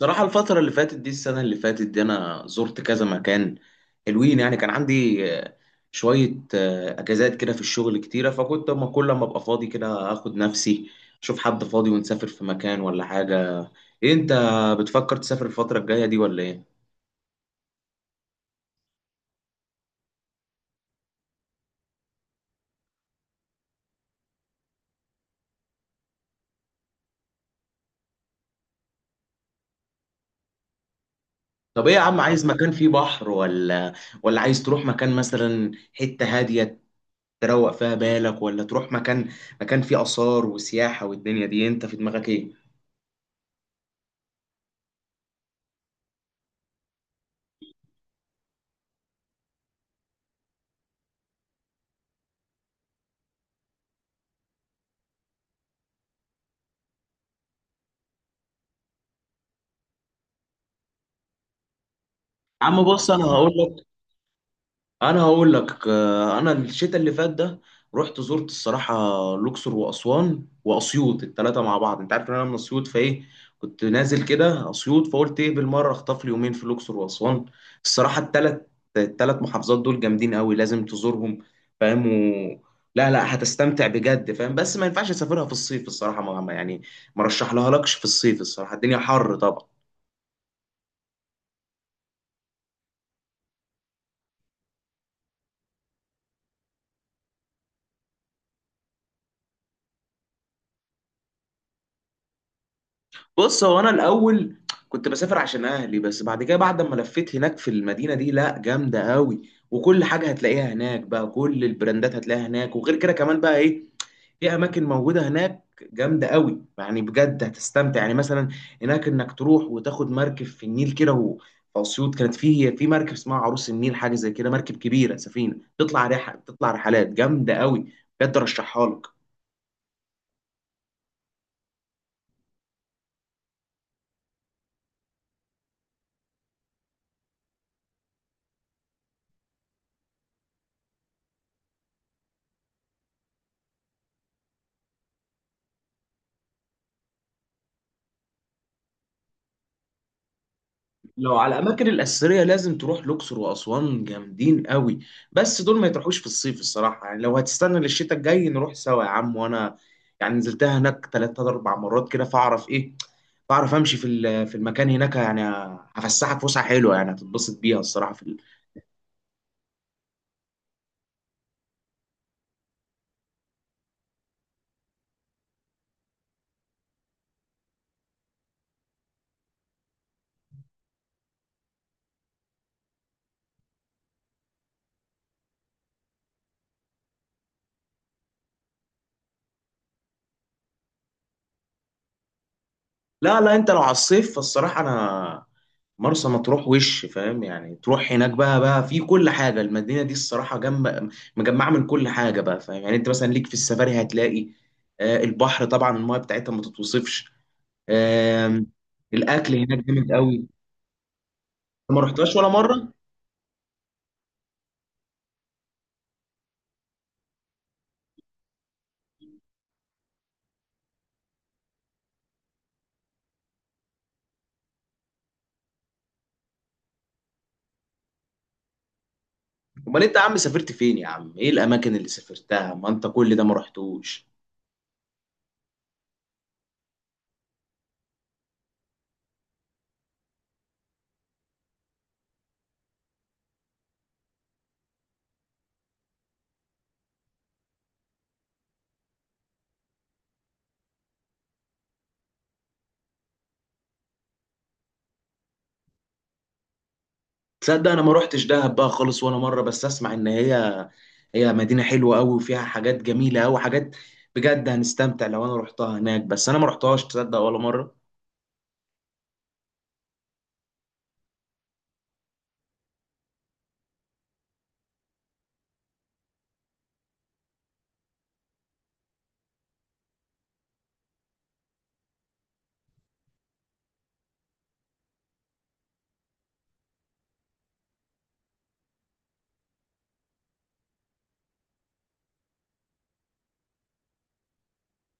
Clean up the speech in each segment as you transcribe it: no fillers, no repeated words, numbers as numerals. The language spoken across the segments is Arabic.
صراحة، الفترة اللي فاتت دي، السنة اللي فاتت دي أنا زرت كذا مكان حلوين. يعني كان عندي شوية أجازات كده في الشغل كتيرة، فكنت أما كل ما أبقى فاضي كده آخد نفسي، أشوف حد فاضي ونسافر في مكان ولا حاجة. إيه، أنت بتفكر تسافر الفترة الجاية دي ولا إيه؟ طب إيه يا عم، عايز مكان فيه بحر، ولا عايز تروح مكان مثلا حتة هادية تروق فيها بالك، ولا تروح مكان فيه آثار وسياحة والدنيا دي، أنت في دماغك إيه؟ يا عم بص، أنا هقول لك، انا هقول لك آه، انا الشتاء اللي فات ده رحت زرت الصراحه الاقصر واسوان واسيوط الثلاثه مع بعض. انت عارف ان انا من اسيوط، فايه كنت نازل كده اسيوط، فقلت ايه، بالمره اخطف لي يومين في الاقصر واسوان. الصراحه الثلاث محافظات دول جامدين قوي، لازم تزورهم، فاهم. لا لا، هتستمتع بجد، فاهم، بس ما ينفعش اسافرها في الصيف الصراحه، يعني ما رشح لها لكش في الصيف الصراحه، الدنيا حر طبعا. بص، هو انا الاول كنت بسافر عشان اهلي، بس بعد كده، بعد ما لفيت هناك في المدينه دي، لا جامده قوي، وكل حاجه هتلاقيها هناك، بقى كل البراندات هتلاقيها هناك، وغير كده كمان بقى ايه، في اماكن موجوده هناك جامده قوي يعني، بجد هتستمتع. يعني مثلا هناك انك تروح وتاخد مركب في النيل كده في اسيوط كانت في مركب اسمها عروس النيل، حاجه زي كده، مركب كبيره، سفينه تطلع رحله، تطلع رحلات جامده قوي، بجد ارشحها لك. لو على الاماكن الاثريه لازم تروح الاقصر واسوان، جامدين قوي، بس دول ما يتروحوش في الصيف الصراحه، يعني لو هتستنى للشتاء الجاي نروح سوا يا عم، وانا يعني نزلتها هناك ثلاث اربع مرات كده، فاعرف ايه، بعرف امشي في المكان هناك، يعني هفسحك فسحه حلوه، يعني هتتبسط بيها الصراحه. في لا لا، انت لو على الصيف فالصراحه انا مرسى مطروح، وش فاهم، يعني تروح هناك بقى في كل حاجه، المدينه دي الصراحه جنب مجمعه من كل حاجه، بقى فاهم، يعني انت مثلا ليك في السفاري هتلاقي البحر، طبعا المايه بتاعتها ما تتوصفش آم، الاكل هناك جامد قوي، انت ما رحتهاش ولا مره؟ امال انت يا عم سافرت فين يا عم، ايه الاماكن اللي سافرتها؟ ما انت كل ده ما رحتوش. تصدق، انا ما روحتش دهب بقى خالص ولا مره، بس اسمع ان هي مدينه حلوه قوي وفيها حاجات جميله قوي، حاجات بجد هنستمتع لو انا روحتها هناك، بس انا ما روحتهاش، تصدق، ولا مره.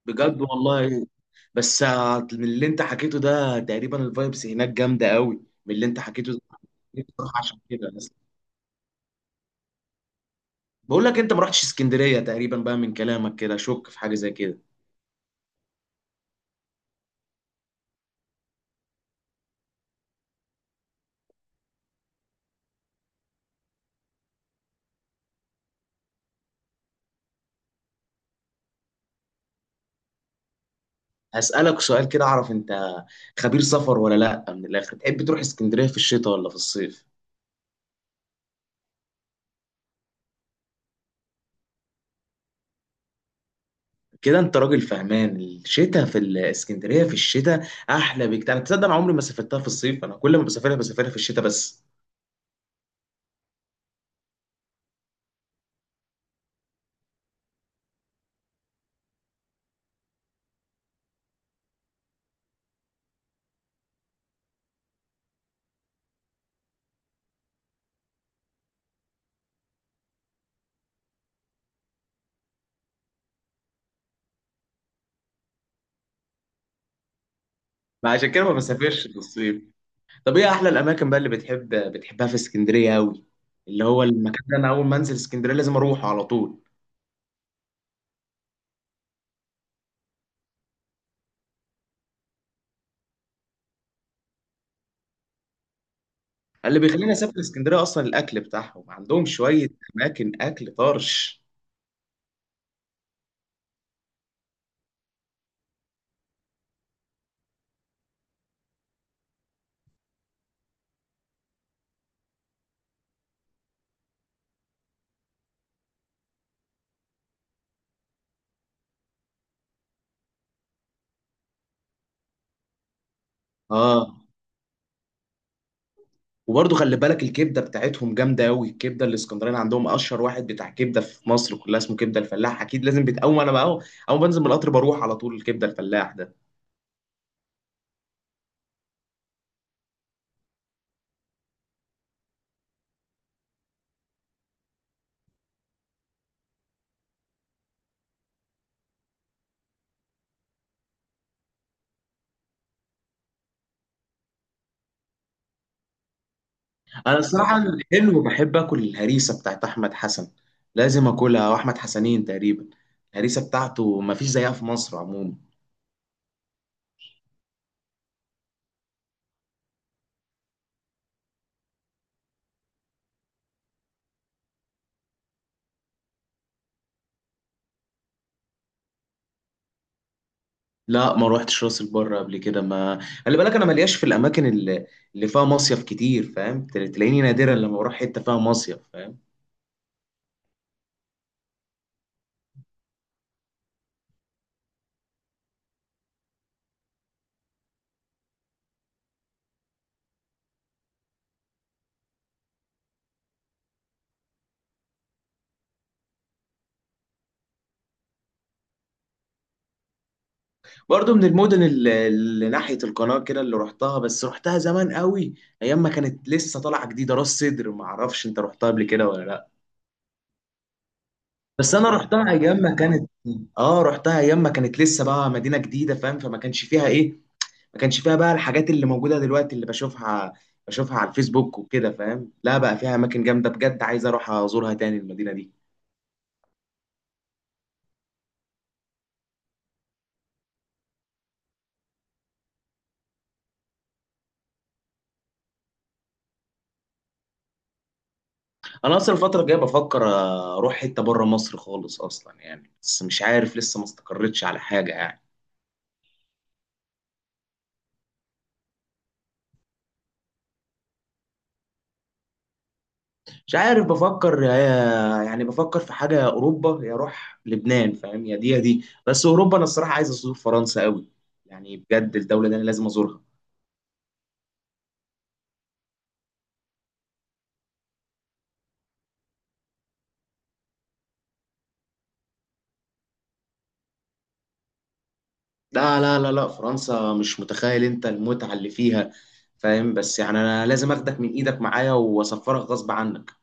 بجد والله، بس من اللي انت حكيته ده تقريبا الفايبس هناك جامده قوي، من اللي انت حكيته ده. نفسي أروح عشان كده. بس بقول لك، انت ما رحتش اسكندريه تقريبا بقى من كلامك كده، اشك في حاجه زي كده. هسالك سؤال كده اعرف، انت خبير سفر ولا لا، من الاخر تحب تروح اسكندريه في الشتاء ولا في الصيف؟ كده انت راجل فهمان، الشتاء في الاسكندريه، في الشتاء احلى بكتير، انا تصدق انا عمري ما سافرتها في الصيف، انا كل ما بسافرها، بسافرها في الشتاء بس. ما عشان كده ما بسافرش في الصيف. طب ايه احلى الاماكن بقى اللي بتحبها في اسكندريه قوي، اللي هو المكان ده انا اول ما انزل اسكندريه لازم اروحه على طول؟ اللي بيخليني اسافر اسكندريه اصلا الاكل بتاعهم، عندهم شويه اماكن اكل طرش. اه. وبرضه خلي بالك، الكبده بتاعتهم جامده قوي، الكبده الاسكندراني عندهم اشهر واحد بتاع كبده في مصر كلها، اسمه كبده الفلاح، اكيد لازم، اول ما بنزل من القطر بروح على طول الكبده الفلاح ده. انا الصراحه الحلو بحب اكل الهريسه بتاعت احمد حسن، لازم اكلها، واحمد حسنين تقريبا، الهريسه بتاعته ما فيش زيها في مصر عموما. لا ما روحتش راس البر قبل كده، ما خلي بالك، انا ملياش في الاماكن اللي فيها مصيف كتير، فاهم، تلاقيني نادرا لما بروح حته فيها مصيف. برضو من المدن اللي ناحية القناة كده اللي رحتها، بس رحتها زمان قوي، أيام ما كانت لسه طالعة جديدة، راس سدر، ما أعرفش أنت رحتها قبل كده ولا لأ؟ بس أنا رحتها أيام ما كانت لسه بقى مدينة جديدة، فاهم، فما كانش فيها إيه، ما كانش فيها بقى الحاجات اللي موجودة دلوقتي اللي بشوفها على الفيسبوك وكده، فاهم. لا، بقى فيها أماكن جامدة بجد، عايز أروح أزورها تاني المدينة دي. أنا أصلا الفترة الجاية بفكر أروح حتة بره مصر خالص أصلا يعني، بس مش عارف لسه ما استقرتش على حاجة يعني. مش عارف، بفكر يعني بفكر في حاجة، يا أوروبا يا أروح لبنان، فاهم، يا دي يا دي، بس أوروبا أنا الصراحة عايز أزور فرنسا قوي، يعني بجد الدولة دي أنا لازم أزورها. لا لا لا لا، فرنسا مش متخيل أنت المتعة اللي فيها، فاهم، بس يعني أنا لازم أخدك من إيدك معايا وأسفرك غصب عنك.